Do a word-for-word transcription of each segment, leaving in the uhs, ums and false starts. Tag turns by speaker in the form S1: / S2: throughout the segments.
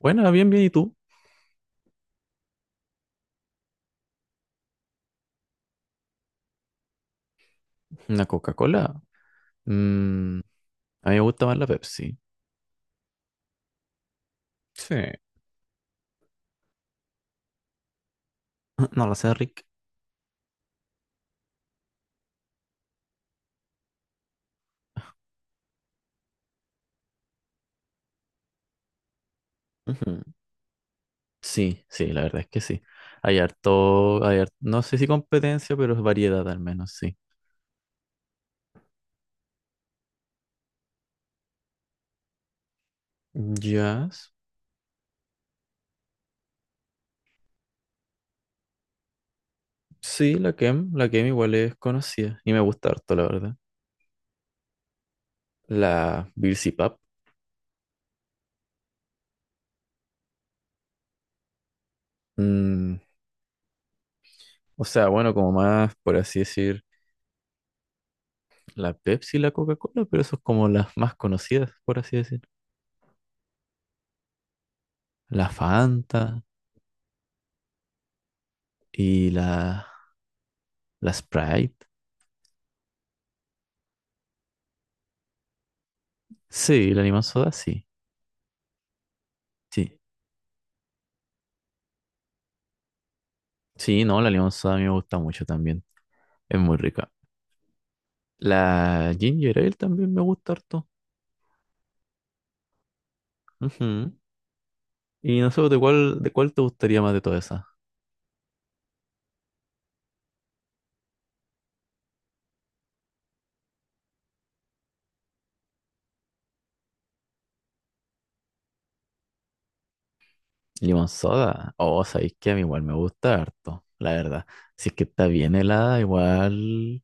S1: Bueno, bien, bien. ¿Y tú? ¿Una Coca-Cola? Mm, a mí me gusta más la Pepsi. Sí. No lo sé, Rick. Ujú. Sí, sí, la verdad es que sí. Hay harto, hay har- no sé si competencia, pero es variedad al menos, sí. Jazz. Sí, la Kem, la Kem igual es conocida y me gusta harto, la verdad. La Birsi Pap. mm, o sea, bueno, como más, por así decir, la Pepsi y la Coca-Cola, pero eso es como las más conocidas, por así decir. La Fanta y la La Sprite. Sí, la limón soda, sí. Sí. Sí, no, la limón soda a mí me gusta mucho también. Es muy rica. La ginger ale también me gusta harto. Ujú. Y no sé, ¿de cuál, de cuál te gustaría más de todas esas? Limón soda. Oh, sabéis que a mí igual me gusta harto, la verdad. Si es que está bien helada, igual,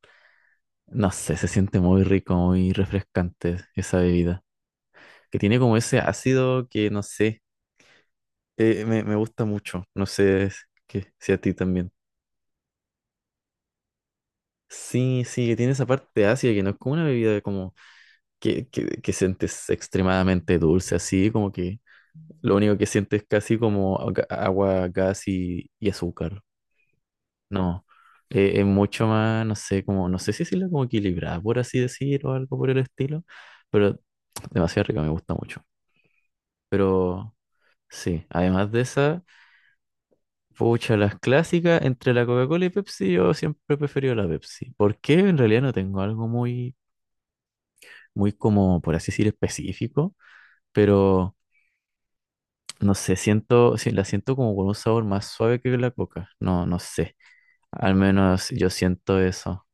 S1: no sé, se siente muy rico, muy refrescante esa bebida. Que tiene como ese ácido que, no sé, eh, me, me gusta mucho. No sé es que si a ti también. Sí, sí, que tiene esa parte ácida que no es como una bebida como que, que, que sientes extremadamente dulce, así como que lo único que sientes es casi como aga- agua, gas y, y azúcar. No, eh, es mucho más, no sé, como, no sé si decirlo como equilibrada, por así decir, o algo por el estilo, pero demasiado rica, me gusta mucho. Pero sí, además de esa, pucha, las clásicas entre la Coca-Cola y Pepsi, yo siempre he preferido la Pepsi. ¿Por qué? En realidad no tengo algo muy muy como, por así decir, específico, pero no sé, siento, sí, la siento como con un sabor más suave que la coca. No, no sé. Al menos yo siento eso.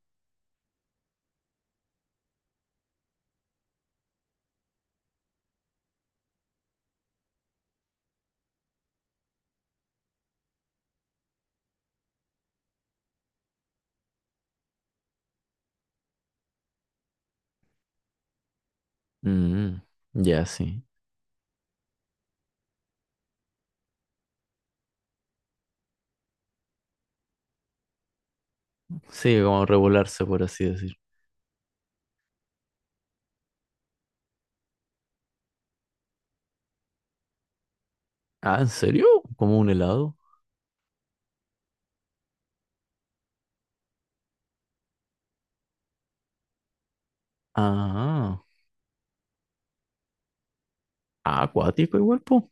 S1: Mm, ya, sí. Sí, como regularse, por así decir. Ah, ¿en serio? ¿Como un helado? Ah, ah, acuático igual, po.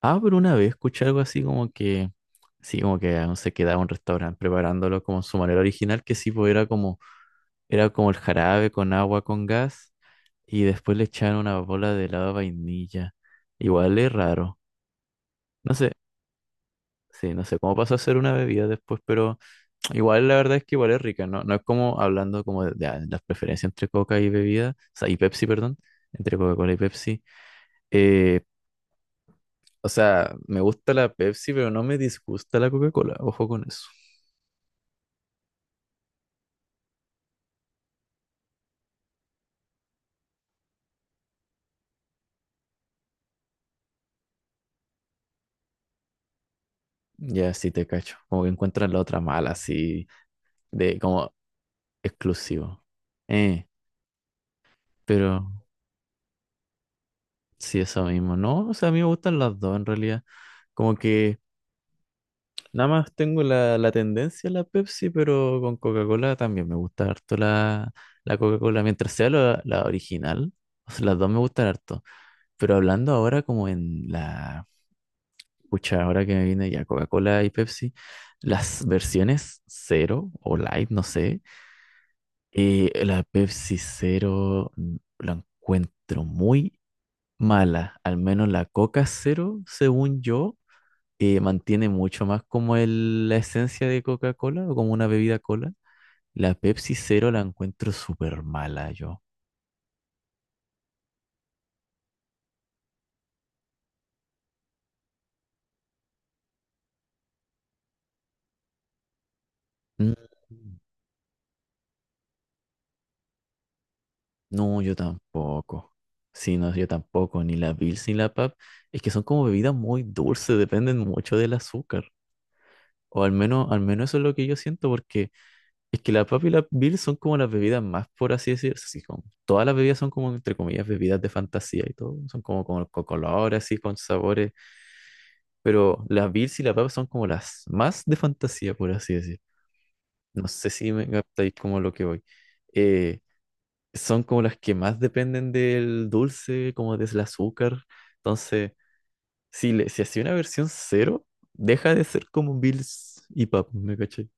S1: Ah, pero una vez escuché algo así como que, sí, como que aún se quedaba un restaurante preparándolo como en su manera original, que sí, pues era como, era como, el jarabe con agua, con gas. Y después le echaron una bola de helado de vainilla. Igual es raro. No sé, sí, no sé cómo pasó a ser una bebida después, pero igual la verdad es que igual es rica, ¿no? No es como hablando como de, de, ah, las preferencias entre Coca y bebida, o sea, y Pepsi, perdón, entre Coca-Cola y Pepsi. Eh, o sea, me gusta la Pepsi, pero no me disgusta la Coca-Cola. Ojo con eso. Ya, sí te cacho. Como que encuentran la otra mala, así, de como exclusivo. Eh, pero... Sí, eso mismo, ¿no? O sea, a mí me gustan las dos en realidad. Como que nada más tengo la, la, tendencia a la Pepsi, pero con Coca-Cola también me gusta harto la, la, Coca-Cola, mientras sea la, la original. O sea, las dos me gustan harto. Pero hablando ahora como en la... Pucha, ahora que me viene ya Coca-Cola y Pepsi, las versiones cero o light, no sé. Eh, la Pepsi cero mm, la encuentro muy mala, al menos la Coca cero, según yo eh, mantiene mucho más como el- la esencia de Coca-Cola o como una bebida cola. La Pepsi Cero la encuentro súper mala yo. Mm, no, yo tampoco. Sí, no, yo tampoco. Ni la Bills ni la Pab. Es que son como bebidas muy dulces, dependen mucho del azúcar. O al menos, al menos eso es lo que yo siento, porque es que la Pab y la Bills son como las bebidas más, por así decirlo. Así como- todas las bebidas son como, entre comillas, bebidas de fantasía y todo. Son como con, con, colores, así, con sabores, pero las Bills y la Papa son como las más de fantasía, por así decir. No sé si me captáis como lo que voy. Eh, Son como las que más dependen del dulce, como del azúcar. Entonces, si, le, si hacía una versión cero, deja de ser como Bills y Pap, ¿me caché?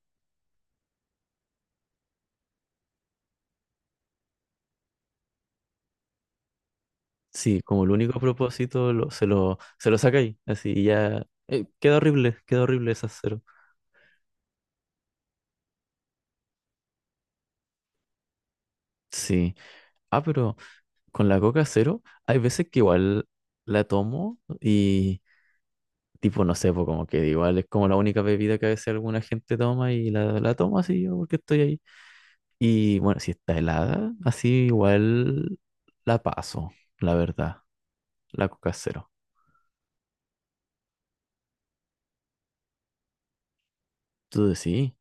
S1: Sí, como el único propósito lo- se lo, se lo saca ahí, así y ya. eh, queda horrible, queda horrible esa cero. Sí. Ah, pero con la Coca cero, hay veces que igual la tomo y, tipo, no sé, pues como que igual es como la única bebida que a veces alguna gente toma y la, la, toma así yo porque estoy ahí. Y bueno, si está helada, así igual la paso, la verdad, la Coca Cero. Tú decís,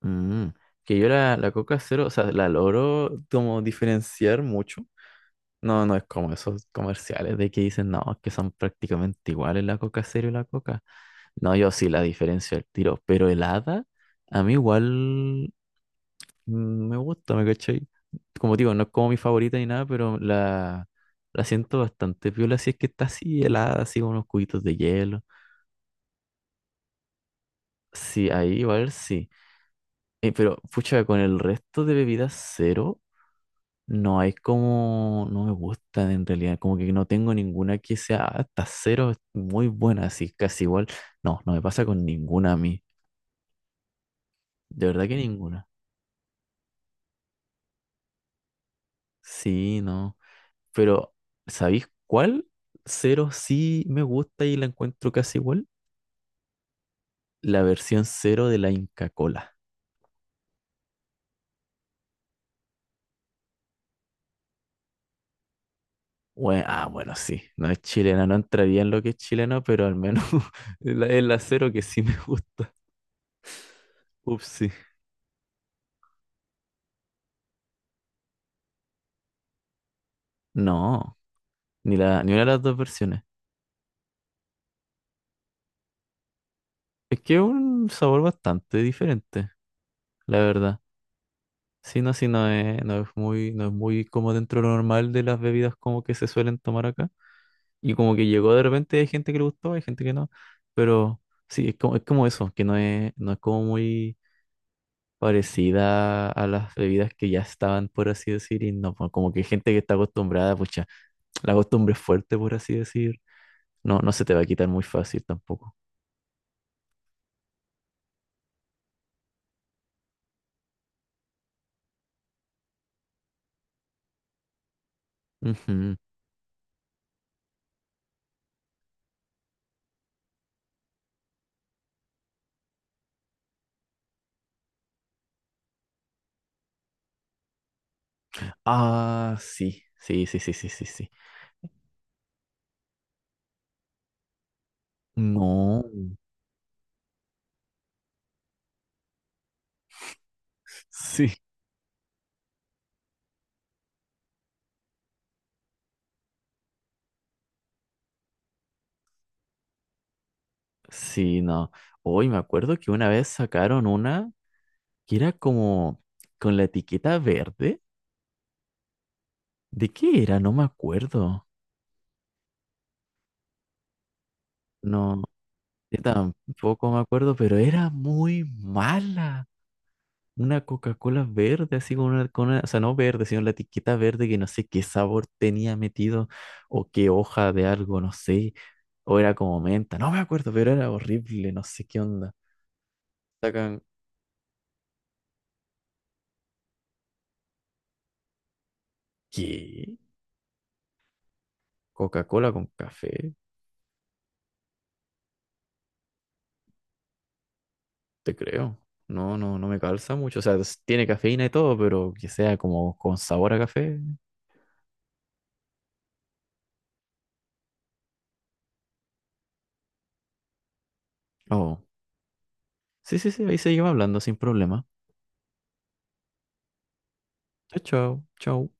S1: mm, que yo la, la Coca Cero, o sea, la logro como diferenciar mucho. No, no es como esos comerciales de que dicen, no, es que son prácticamente iguales la Coca Cero y la Coca. No, yo sí la diferencio al tiro, pero helada, a mí igual Mm, Me gusta, ¿me cachai? Como digo, no es como mi favorita ni nada, pero la, la siento bastante piola si es que está así helada, así con unos cubitos de hielo. Sí, ahí igual sí. Eh, pero, pucha, con el resto de bebidas cero, no hay como, no me gustan en realidad, como que no tengo ninguna que sea hasta cero, es muy buena, así casi igual. No, no me pasa con ninguna a mí, de verdad que ninguna. Sí, no. Pero, ¿sabéis cuál? Cero sí me gusta y la encuentro casi igual. La versión cero de la Inca Cola. Bue- ah, bueno, sí, no es chilena, no entraría en lo que es chileno, pero al menos es la, es la cero que sí me gusta. Ups, sí. No, ni la, ni una de las dos versiones. Es que es un sabor bastante diferente, la verdad. Sí, no, sí, no es, no es muy, no es muy como dentro de lo normal de las bebidas como que se suelen tomar acá. Y como que llegó de repente, hay gente que le gustó, hay gente que no. Pero sí, es como, es como, eso, que no es, no es como muy parecida a las bebidas que ya estaban, por así decir, y no, pues, como que gente que está acostumbrada, pucha, la costumbre es fuerte, por así decir. No, no se te va a quitar muy fácil tampoco. Ujú. Ah, sí, sí, sí, sí, sí, sí, sí. No, sí, sí, no. Hoy me acuerdo que una vez sacaron una que era como con la etiqueta verde. ¿De qué era? No me acuerdo. No, yo tampoco me acuerdo, pero era muy mala. Una Coca-Cola verde, así con una, con una- o sea, no verde, sino la etiqueta verde que no sé qué sabor tenía metido o qué hoja de algo, no sé. O era como menta, no me acuerdo, pero era horrible, no sé qué onda. Sacan, ¿qué? ¿Coca-Cola con café? Te creo. No, no, no me calza mucho. O sea, tiene cafeína y todo, pero que sea como con sabor a café. No. Sí, sí, sí, ahí seguimos hablando sin problema. Chao, chao, chao.